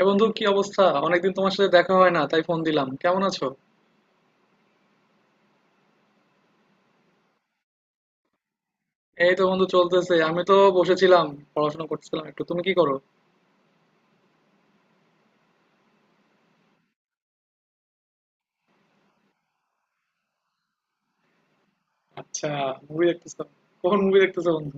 এ বন্ধু, কি অবস্থা? অনেকদিন তোমার সাথে দেখা হয় না, তাই ফোন দিলাম। কেমন আছো? এই তো বন্ধু, চলতেছে। আমি তো বসেছিলাম, পড়াশোনা করতেছিলাম একটু। তুমি কি করো? আচ্ছা। মুভি দেখতেছো? কখন মুভি দেখতেছো বন্ধু?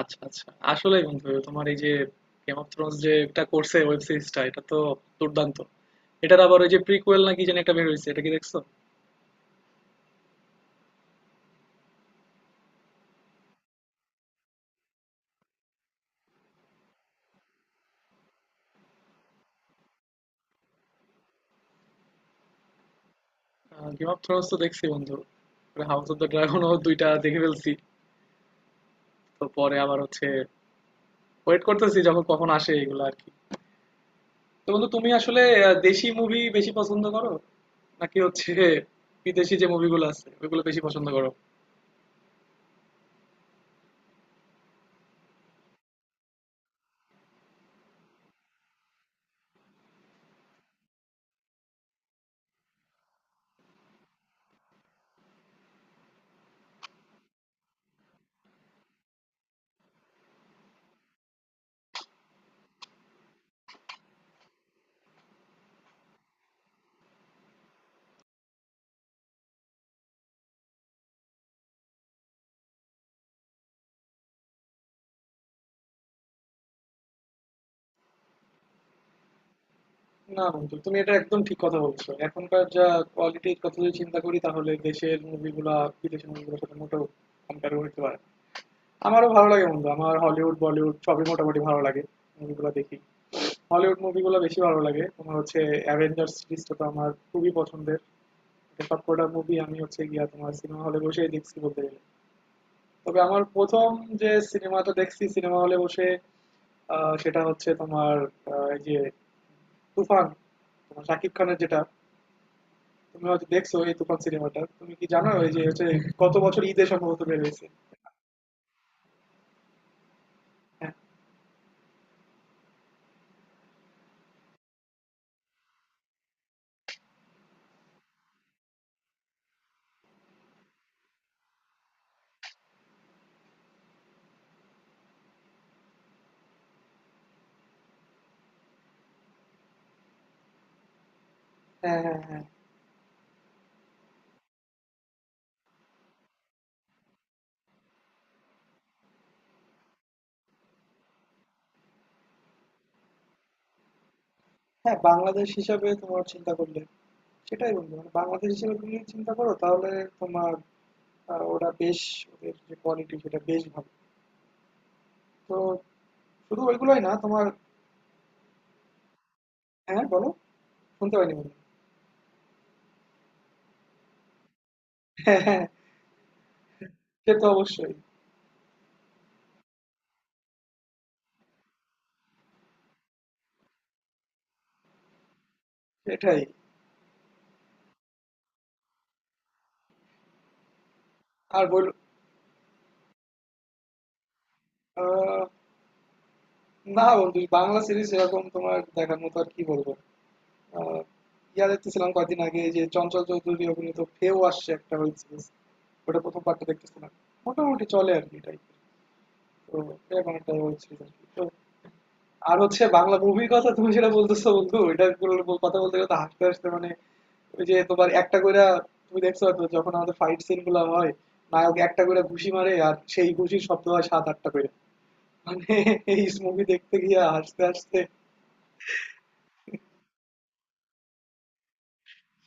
আচ্ছা আচ্ছা, আসলেই বন্ধু, তোমার এই যে গেম অফ থ্রোনস যে এটা করছে ওয়েব সিরিজটা, এটা তো দুর্দান্ত। এটার আবার ওই যে প্রিকুয়েল নাকি যেন একটা বের হয়েছে, এটা কি দেখছো? গেম অফ থ্রোনস তো দেখছি বন্ধু। হাউস অফ দ্য ড্রাগনও দুইটা দেখে ফেলছি। তো পরে আবার হচ্ছে, ওয়েট করতেছি যখন কখন আসে এগুলো আর কি। তো বন্ধু, তুমি আসলে দেশি মুভি বেশি পছন্দ করো, নাকি হচ্ছে বিদেশি যে মুভিগুলো আছে ওইগুলো বেশি পছন্দ করো? না বন্ধু, তুমি এটা একদম ঠিক কথা বলছো। এখনকার যা কোয়ালিটির কথা যদি চিন্তা করি, তাহলে দেশের মুভিগুলা বিদেশের মুভিগুলোর সাথে মোটেও কম্পেয়ার করতে পারে না। আমারও ভালো লাগে বন্ধু, আমার হলিউড বলিউড সবই মোটামুটি ভালো লাগে। মুভিগুলো দেখি, হলিউড মুভিগুলো বেশি ভালো লাগে। তোমার হচ্ছে অ্যাভেঞ্জার্স সিরিজটা তো আমার খুবই পছন্দের। এটা সবকটা মুভি আমি হচ্ছে গিয়া তোমার সিনেমা হলে বসেই দেখছি বলতে গেলে। তবে আমার প্রথম যে সিনেমাটা দেখছি সিনেমা হলে বসে, আ সেটা হচ্ছে তোমার, এই যে 'তুফান', তোমার শাকিব খানের যেটা। তুমি হয়তো দেখছো এই 'তুফান' সিনেমাটা। তুমি কি জানো এই যে হচ্ছে গত বছর ঈদে সম্ভবত বের হইছে। হ্যাঁ, হ্যাঁ, হ্যাঁ, হ্যাঁ। হ্যাঁ, বাংলাদেশ হিসাবে তোমার চিন্তা করলে, সেটাই বন্ধু, মানে বাংলাদেশ হিসেবে তুমি চিন্তা করো, তাহলে তোমার, ওরা বেশ, ওদের যে কোয়ালিটি সেটা বেশ ভালো। তো শুধু ওইগুলোই না তোমার। হ্যাঁ, বলো? শুনতে পাইনি বন্ধু। হ্যাঁ, হ্যাঁ, সে তো অবশ্যই। সেটাই। আর বল। আহ, না বন্ধু, বাংলা সিরিজ এরকম তোমার দেখার মতো আর কি বলবো। আহ, ইয়া দেখতেছিলাম কদিন আগে যে চঞ্চল চৌধুরী অভিনীত ফেও আসছে একটা ওয়েব সিরিজ। ওটা প্রথম পার্টটা দেখতেছিলাম, মোটামুটি চলে আর কি টাইপের। তো এরকম একটা ওয়েব সিরিজ আর কি। তো আর হচ্ছে বাংলা মুভির কথা তুমি যেটা বলতেছো বন্ধু, এটা কথা বলতে গেলে তো হাসতে হাসতে, মানে ওই যে তোমার একটা কইরা, তুমি দেখছো হয়তো যখন আমাদের ফাইট সিন গুলা হয়, নায়ক একটা করে ঘুষি মারে আর সেই ঘুষির শব্দ হয় সাত আটটা করে। মানে এই মুভি দেখতে গিয়ে হাসতে হাসতে।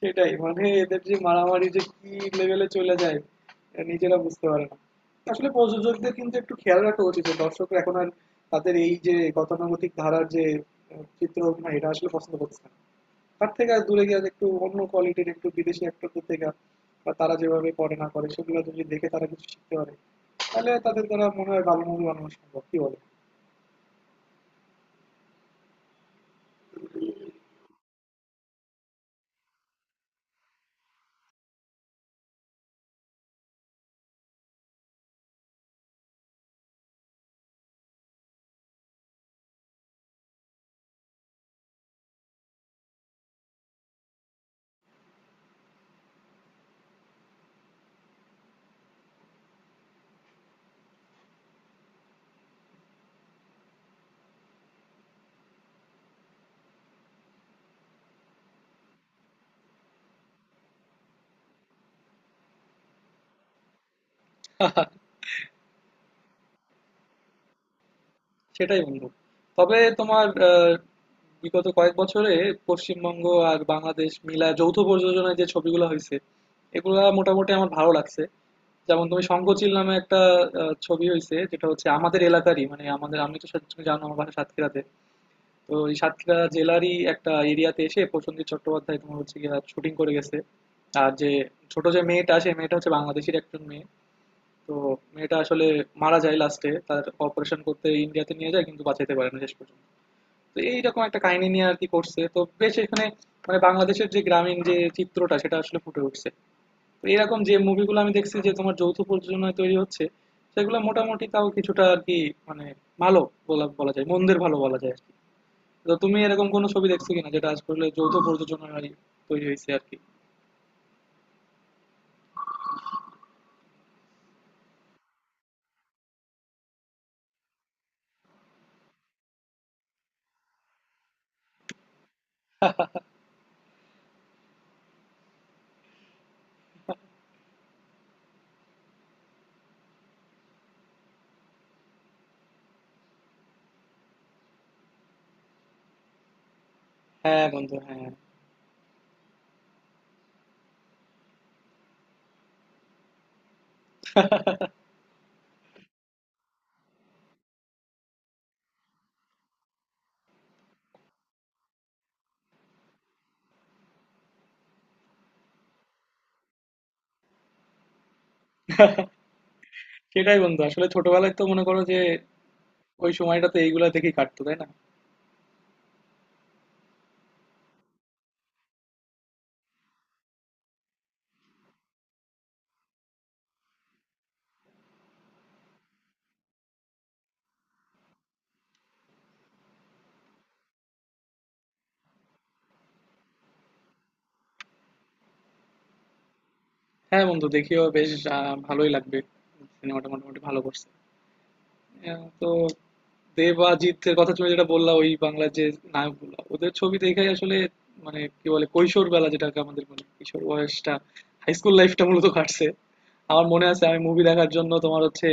সেটাই, মানে এদের যে মারামারি যে কি লেভেলে চলে যায়, এরা নিজেরা বুঝতে পারে না। আসলে প্রযোজকদের কিন্তু একটু খেয়াল রাখা উচিত যে দর্শকরা এখন আর তাদের এই যে গতানুগতিক ধারার যে চিত্র অভিনয় এটা আসলে পছন্দ করছে না। তার থেকে আর দূরে গিয়ে একটু অন্য কোয়ালিটির একটু বিদেশি অ্যাক্টরদের থেকে, বা তারা যেভাবে করে না করে, সেগুলো যদি দেখে তারা কিছু শিখতে পারে, তাহলে তাদের দ্বারা মনে হয় ভালো মুভি বানানো সম্ভব, কি বলে? সেটাই বন্ধু। তবে তোমার বিগত কয়েক বছরে পশ্চিমবঙ্গ আর বাংলাদেশ মিলা যৌথ প্রযোজনায় যে ছবিগুলো হয়েছে, এগুলা মোটামুটি আমার ভালো লাগছে। যেমন তুমি শঙ্খচিল নামে একটা ছবি হয়েছে যেটা হচ্ছে আমাদের এলাকারই, মানে আমাদের, আমি তো তুমি জানো আমার বাসা সাতক্ষীরাতে। তো এই সাতক্ষীরা জেলারই একটা এরিয়াতে এসে প্রসেনজিৎ চট্টোপাধ্যায় তোমার হচ্ছে গিয়ে শুটিং করে গেছে। আর যে ছোট যে মেয়েটা, সে মেয়েটা হচ্ছে বাংলাদেশের একজন মেয়ে। তো মেয়েটা আসলে মারা যায় লাস্টে, তার অপারেশন করতে ইন্ডিয়াতে নিয়ে যায় কিন্তু বাঁচাইতে পারে না শেষ পর্যন্ত। তো এইরকম একটা কাহিনী নিয়ে আর কি করছে, তো বেশ এখানে মানে বাংলাদেশের যে গ্রামীণ যে চিত্রটা সেটা আসলে ফুটে উঠছে। তো এরকম যে মুভিগুলো আমি দেখছি যে তোমার যৌথ প্রযোজনায় তৈরি হচ্ছে, সেগুলো মোটামুটি তাও কিছুটা আর কি, মানে ভালো বলা বলা যায়, মন্দের ভালো বলা যায় আর কি। তো তুমি এরকম কোনো ছবি দেখছো কিনা যেটা আসলে যৌথ প্রযোজনায় তৈরি হয়েছে আর কি? হ্যাঁ বন্ধু, হ্যাঁ। সেটাই বন্ধু, আসলে ছোটবেলায় তো মনে করো যে ওই সময়টাতে এইগুলা দেখেই কাটতো, তাই না? হ্যাঁ বন্ধু, দেখিও, বেশ ভালোই লাগবে। সিনেমাটা মোটামুটি ভালো করছে। তো দেব আর জিতের কথা তুমি যেটা বললা, ওই বাংলার যে নায়কগুলো, ওদের ছবি দেখে আসলে মানে কি বলে কৈশোর বেলা, যেটাকে আমাদের বলে কিশোর বয়সটা, হাই স্কুল লাইফটা মূলত কাটছে। আমার মনে আছে আমি মুভি দেখার জন্য তোমার হচ্ছে,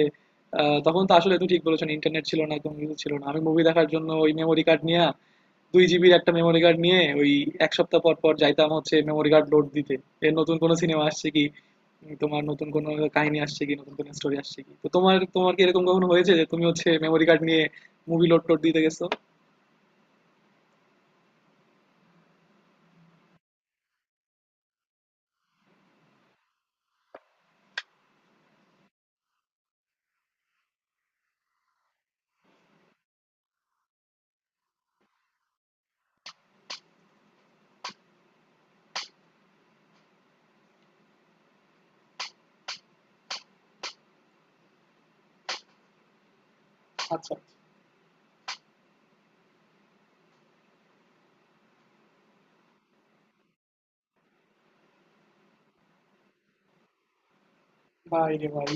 তখন তো আসলে তুমি ঠিক বলেছো, ইন্টারনেট ছিল না, একদম কিছু ছিল না। আমি মুভি দেখার জন্য ওই মেমোরি কার্ড নিয়ে, 2 জিবির একটা মেমোরি কার্ড নিয়ে ওই এক সপ্তাহ পর পর যাইতাম হচ্ছে মেমোরি কার্ড লোড দিতে। এর নতুন কোনো সিনেমা আসছে কি, তোমার নতুন কোনো কাহিনী আসছে কি, নতুন কোনো স্টোরি আসছে কি? তো তোমার, তোমার কি এরকম কখনো হয়েছে যে তুমি হচ্ছে মেমোরি কার্ড নিয়ে মুভি লোড টোড দিতে গেছো? আচ্ছা। ভাই রে ভাই।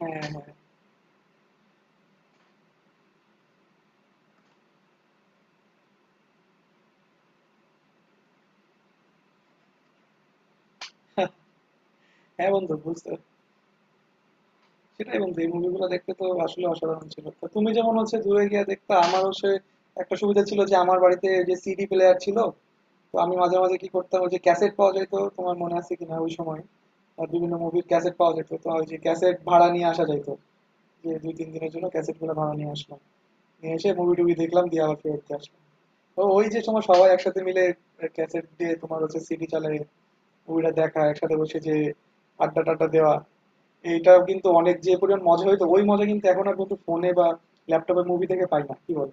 হ্যাঁ হ্যাঁ। হ্যাঁ বন্ধু, বুঝতে। সেটাই বন্ধু, এই মুভিগুলো দেখতে তো আসলে অসাধারণ ছিল। তো তুমি যেমন হচ্ছে দূরে গিয়ে দেখতে, আমার হচ্ছে একটা সুবিধা ছিল যে আমার বাড়িতে যে সিডি প্লেয়ার ছিল। তো আমি মাঝে মাঝে কি করতাম, ওই যে ক্যাসেট পাওয়া যেত তোমার মনে আছে কিনা ওই সময়, আর বিভিন্ন মুভির ক্যাসেট পাওয়া যেত, তো ওই যে ক্যাসেট ভাড়া নিয়ে আসা যেত, যে দুই তিন দিনের জন্য ক্যাসেট গুলো ভাড়া নিয়ে আসলাম, নিয়ে এসে মুভি টুভি দেখলাম দিয়ে আবার ফেরত দিয়ে আসলাম। তো ওই যে সময় সবাই একসাথে মিলে ক্যাসেট দিয়ে তোমার হচ্ছে সিডি চালায় মুভিটা দেখা, একসাথে বসে যে আড্ডা টাড্ডা দেওয়া, এইটাও কিন্তু অনেক যে পরিমাণ মজা হইতো। ওই মজা কিন্তু এখন আর কিন্তু ফোনে বা ল্যাপটপে মুভি থেকে পাই না, কি বল?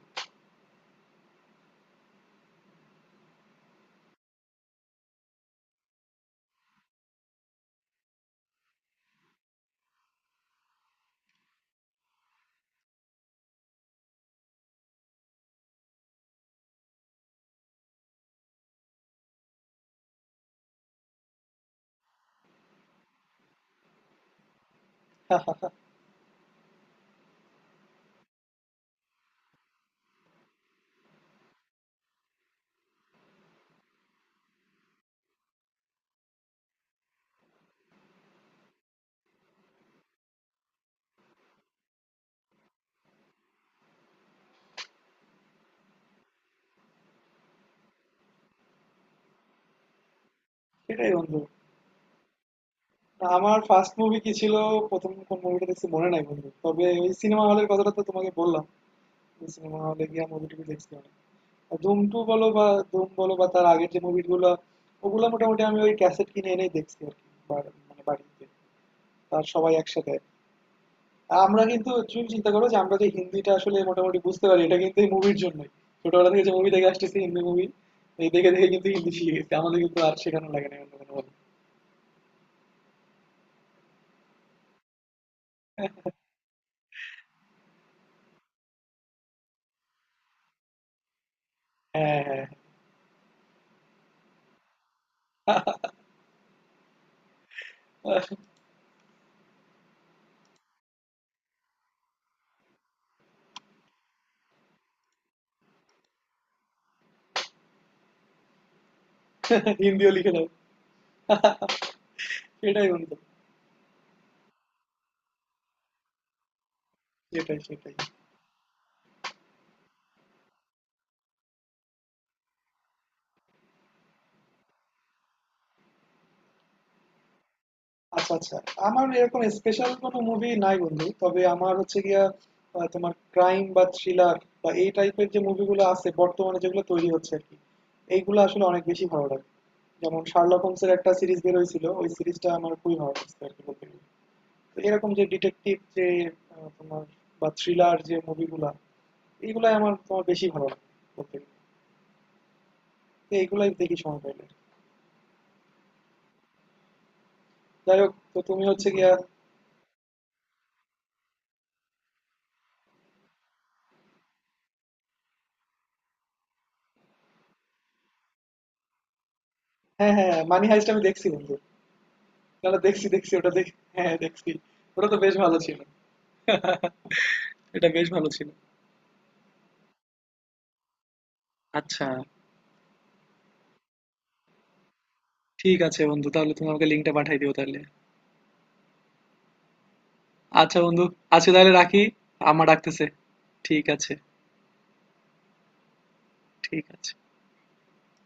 সেটাই বন্ধু। না, আমার ফার্স্ট মুভি কি ছিল, প্রথম কোন মুভিটা দেখছি মনে নাই বন্ধু, তবে ওই সিনেমা হলের কথাটা তো তোমাকে বললাম। সিনেমা হলে গিয়ে মুভি টুভি দেখছি অনেক। আর ধুম টু বলো বা ধুম বলো বা তার আগের যে মুভিগুলো, ওগুলো মোটামুটি আমি ওই ক্যাসেট কিনে এনেই দেখছি আর কি, মানে বাড়িতে, তার সবাই একসাথে। আর আমরা কিন্তু, তুমি চিন্তা করো যে আমরা যে হিন্দিটা আসলে মোটামুটি বুঝতে পারি, এটা কিন্তু এই মুভির জন্যই। ছোটবেলা থেকে যে মুভি দেখে আসতেছি হিন্দি মুভি, এই দেখে দেখে কিন্তু হিন্দি শিখে গেছি, আমাদের কিন্তু আর শেখানো লাগে না অন্য কোনো বলে। হ্যাঁ হ্যাঁ। হিন্দিও লিখে দাও। সেটাই বন্ধু। সেটাই সেটাই। আচ্ছা আচ্ছা, আমার এরকম স্পেশাল কোনো মুভি নাই বন্ধু, তবে আমার হচ্ছে গিয়া তোমার ক্রাইম বা থ্রিলার বা এই টাইপের যে মুভিগুলো আছে বর্তমানে, যেগুলো তৈরি হচ্ছে আর কি, এইগুলো আসলে অনেক বেশি ভালো লাগে। যেমন শার্লক হোমসের একটা সিরিজ বের হয়েছিল, ওই সিরিজটা আমার খুবই ভালো লাগছে আর কি বলতে গেলে। তো এরকম যে ডিটেকটিভ যে তোমার বা থ্রিলার যে মুভিগুলা, এইগুলাই আমার তোমার বেশি ভালো লাগে বলতে গেলে। তো এইগুলাই দেখি সময় পাইলে। যাই হোক, তো তুমি হচ্ছে গিয়া, হ্যাঁ, হ্যাঁ, মানি হাইস্ট আমি দেখছি বন্ধু। না, না, দেখছি, দেখছি, ওটা দেখ। হ্যাঁ, হ্যাঁ, দেখছি। ওটা তো বেশ ভালো ছিল। এটা বেশ ভালো ছিল। আচ্ছা, ঠিক আছে বন্ধু। তাহলে তুমি আমাকে লিংকটা পাঠিয়ে দিও তাহলে। আচ্ছা বন্ধু, আজকে তাহলে রাখি। আম্মা ডাকতেছে। ঠিক আছে, ঠিক আছে।